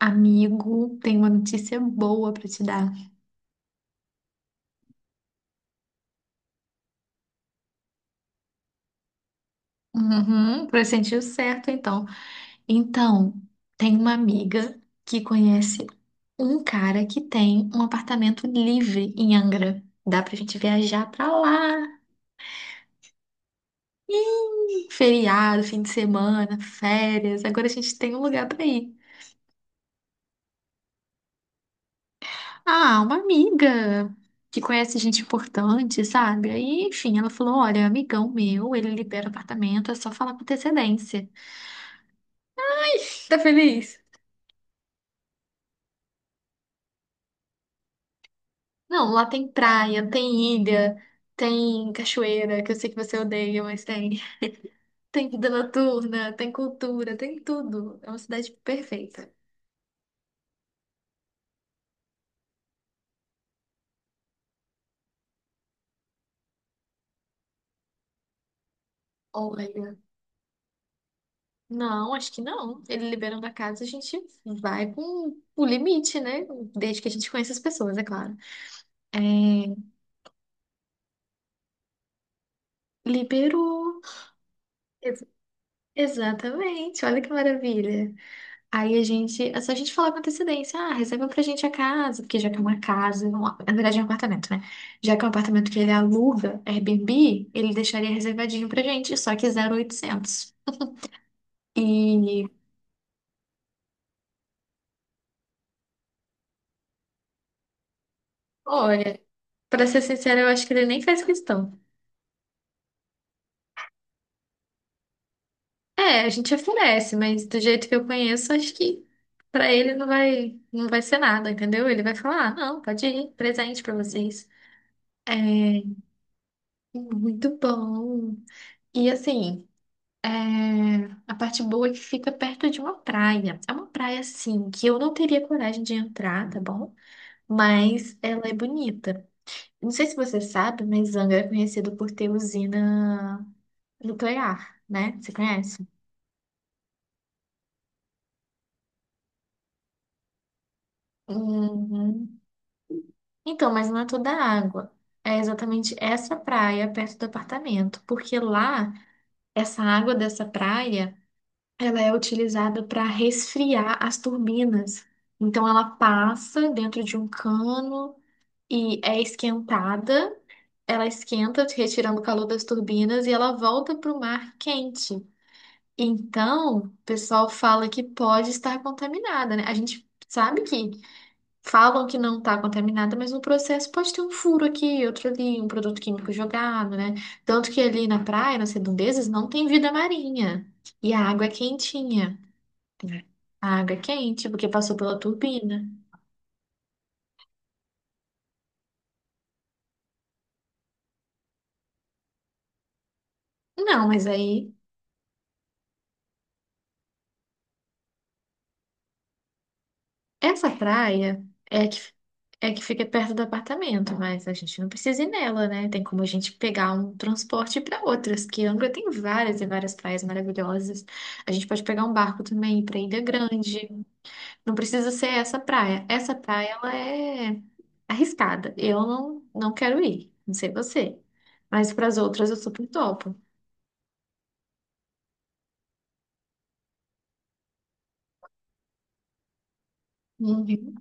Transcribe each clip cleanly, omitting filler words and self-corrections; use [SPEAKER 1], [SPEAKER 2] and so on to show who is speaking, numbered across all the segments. [SPEAKER 1] Amigo, tenho uma notícia boa pra te dar. Uhum, pressentiu certo, então. Então, tem uma amiga que conhece um cara que tem um apartamento livre em Angra. Dá pra gente viajar pra lá. Feriado, fim de semana, férias. Agora a gente tem um lugar pra ir. Ah, uma amiga que conhece gente importante, sabe? Aí, enfim, ela falou: Olha, amigão meu, ele libera apartamento, é só falar com antecedência. Tá feliz? Não, lá tem praia, tem ilha, tem cachoeira, que eu sei que você odeia, mas tem. Tem vida noturna, tem cultura, tem tudo. É uma cidade perfeita. Olha, não, acho que não. Ele liberando a casa, a gente vai com o limite, né? Desde que a gente conheça as pessoas, é claro. Liberou. Ex- exatamente, olha que maravilha. Aí a gente, é só a gente falar com antecedência, ah, reserva pra gente a casa, porque já que é uma casa, na verdade é um apartamento, né? Já que é um apartamento que ele aluga, Airbnb, ele deixaria reservadinho pra gente, só que 0800. E, olha, pra ser sincera, eu acho que ele nem faz questão. É, a gente oferece, mas do jeito que eu conheço, acho que pra ele não vai, não vai ser nada, entendeu? Ele vai falar, ah, não, pode ir, presente pra vocês. É muito bom. E assim. É, a parte boa é que fica perto de uma praia. É uma praia, assim, que eu não teria coragem de entrar, tá bom? Mas ela é bonita. Não sei se você sabe, mas Angra é conhecido por ter usina nuclear, né? Você conhece? Uhum. Então, mas não é toda a água. É exatamente essa praia perto do apartamento. Porque lá, essa água dessa praia. Ela é utilizada para resfriar as turbinas. Então, ela passa dentro de um cano e é esquentada. Ela esquenta, retirando o calor das turbinas, e ela volta para o mar quente. Então, o pessoal fala que pode estar contaminada, né? A gente sabe que falam que não está contaminada, mas no processo pode ter um furo aqui, outro ali, um produto químico jogado, né? Tanto que ali na praia, nas redondezas, não tem vida marinha. E a água é quentinha, né? A água quente, porque passou pela turbina. Não, mas aí, essa praia é a que, é a que fica perto do apartamento, mas a gente não precisa ir nela, né? Tem como a gente pegar um transporte para outras, que Angra tem várias e várias praias maravilhosas. A gente pode pegar um barco também para Ilha Grande. Não precisa ser essa praia. Essa praia, ela é arriscada. Eu não, não quero ir, não sei você. Mas para as outras eu super topo. Uhum.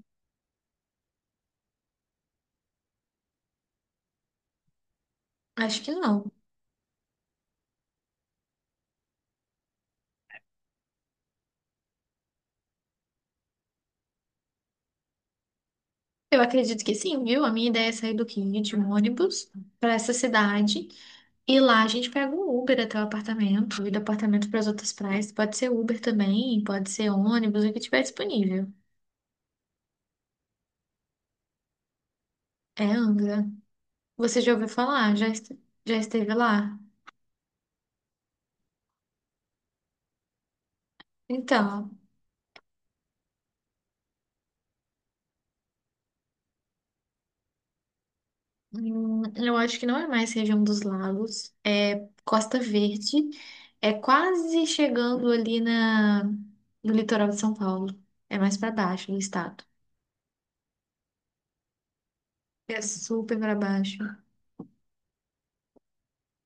[SPEAKER 1] Acho que não. Eu acredito que sim, viu? A minha ideia é sair do King de um ônibus para essa cidade e lá a gente pega um Uber até o apartamento e do apartamento para as outras praias. Pode ser Uber também, pode ser ônibus, o que tiver disponível. É Angra. Você já ouviu falar? Já esteve lá? Então, eu acho que não é mais região dos lagos, é Costa Verde, é quase chegando ali no litoral de São Paulo. É mais para baixo do estado. É super para baixo.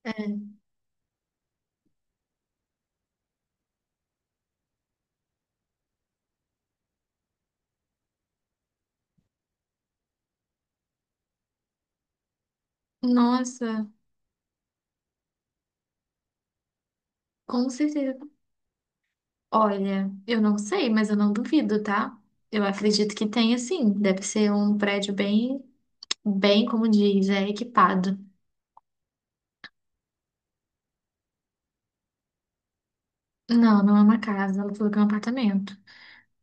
[SPEAKER 1] É, nossa, com certeza. Olha, eu não sei, mas eu não duvido, tá? Eu acredito que tenha sim. Deve ser um prédio bem, bem, como diz, é equipado. Não, não é uma casa, ela falou que é um apartamento.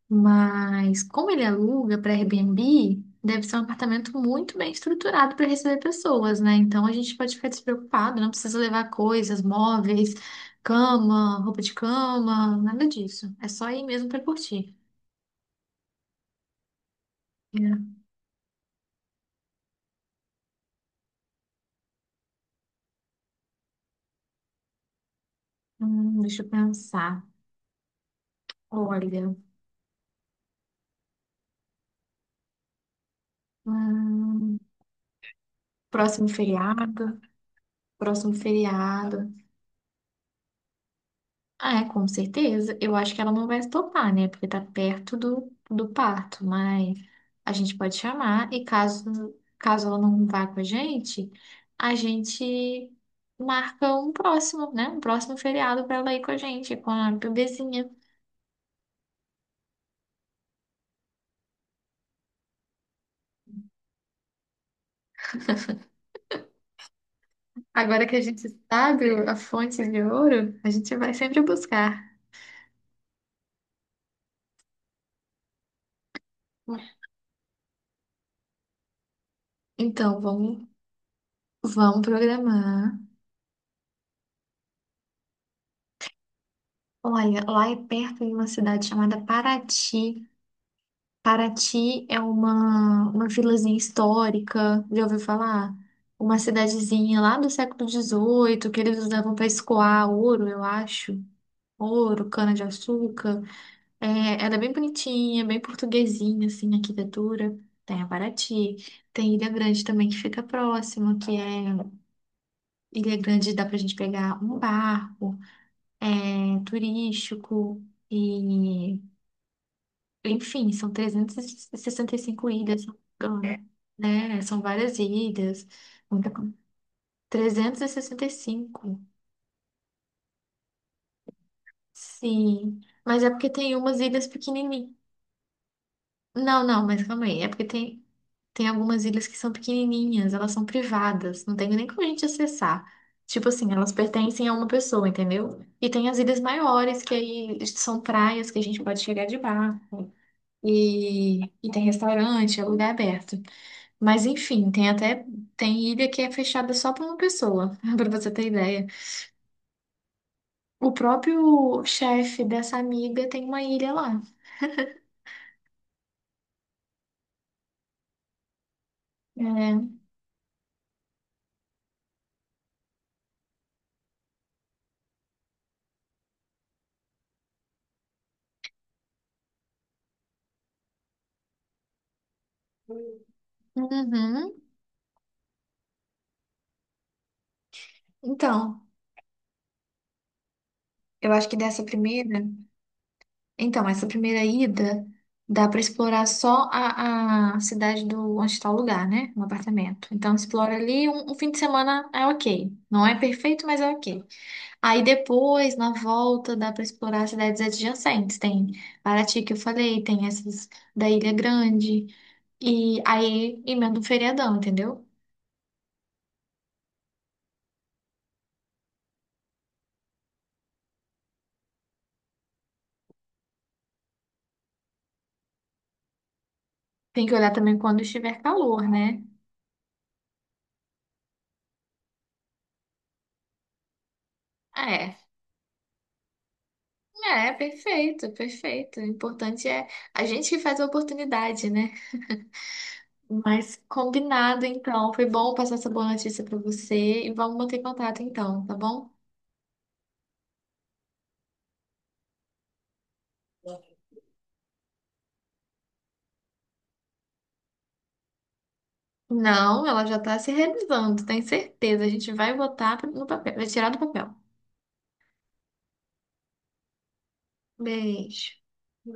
[SPEAKER 1] Mas como ele aluga para Airbnb, deve ser um apartamento muito bem estruturado para receber pessoas, né? Então a gente pode ficar despreocupado, não precisa levar coisas, móveis, cama, roupa de cama, nada disso. É só ir mesmo para curtir. É. Deixa eu pensar. Olha, hum, próximo feriado, próximo feriado. Ah, é, com certeza. Eu acho que ela não vai se topar, né? Porque tá perto do parto, mas a gente pode chamar e caso, caso ela não vá com a gente marca um próximo, né? Um próximo feriado pra ela ir com a gente, com a bebezinha. Agora que a gente sabe a fonte de ouro, a gente vai sempre buscar. Então, vamos, vamos programar. Olha, lá é perto de uma cidade chamada Paraty. Paraty é uma vilazinha histórica, já ouviu falar? Uma cidadezinha lá do século XVIII, que eles usavam para escoar ouro, eu acho. Ouro, cana-de-açúcar. É, ela é bem bonitinha, bem portuguesinha, assim, a arquitetura. Tem a Paraty. Tem Ilha Grande também, que fica próximo, que é... Ilha Grande dá pra gente pegar um barco, é turístico... E enfim, são e 65 ilhas. É, né? São várias ilhas. Muita... coisa. 365. Sim. Mas é porque tem umas ilhas pequenininhas. Não, não, mas calma aí. É porque tem, algumas ilhas que são pequenininhas, elas são privadas, não tem nem como a gente acessar. Tipo assim, elas pertencem a uma pessoa, entendeu? E tem as ilhas maiores, que aí são praias que a gente pode chegar de barco. E tem restaurante, é lugar aberto. Mas enfim, tem até tem ilha que é fechada só para uma pessoa, para você ter ideia. O próprio chefe dessa amiga tem uma ilha lá. É. Uhum. Então, eu acho que dessa primeira, então essa primeira ida dá para explorar só a cidade do onde está o lugar, né? Um apartamento. Então explora ali um fim de semana é ok. Não é perfeito, mas é ok. Aí depois, na volta, dá para explorar as cidades adjacentes. Tem Paraty, que eu falei, tem essas da Ilha Grande. E aí emenda um feriadão, entendeu? Tem que olhar também quando estiver calor, né? É, é, perfeito, perfeito. O importante é a gente que faz a oportunidade, né? Mas combinado, então. Foi bom passar essa boa notícia para você e vamos manter contato, então, tá bom? Não, ela já tá se realizando, tenho certeza. A gente vai botar no papel, vai tirar do papel. Beijo.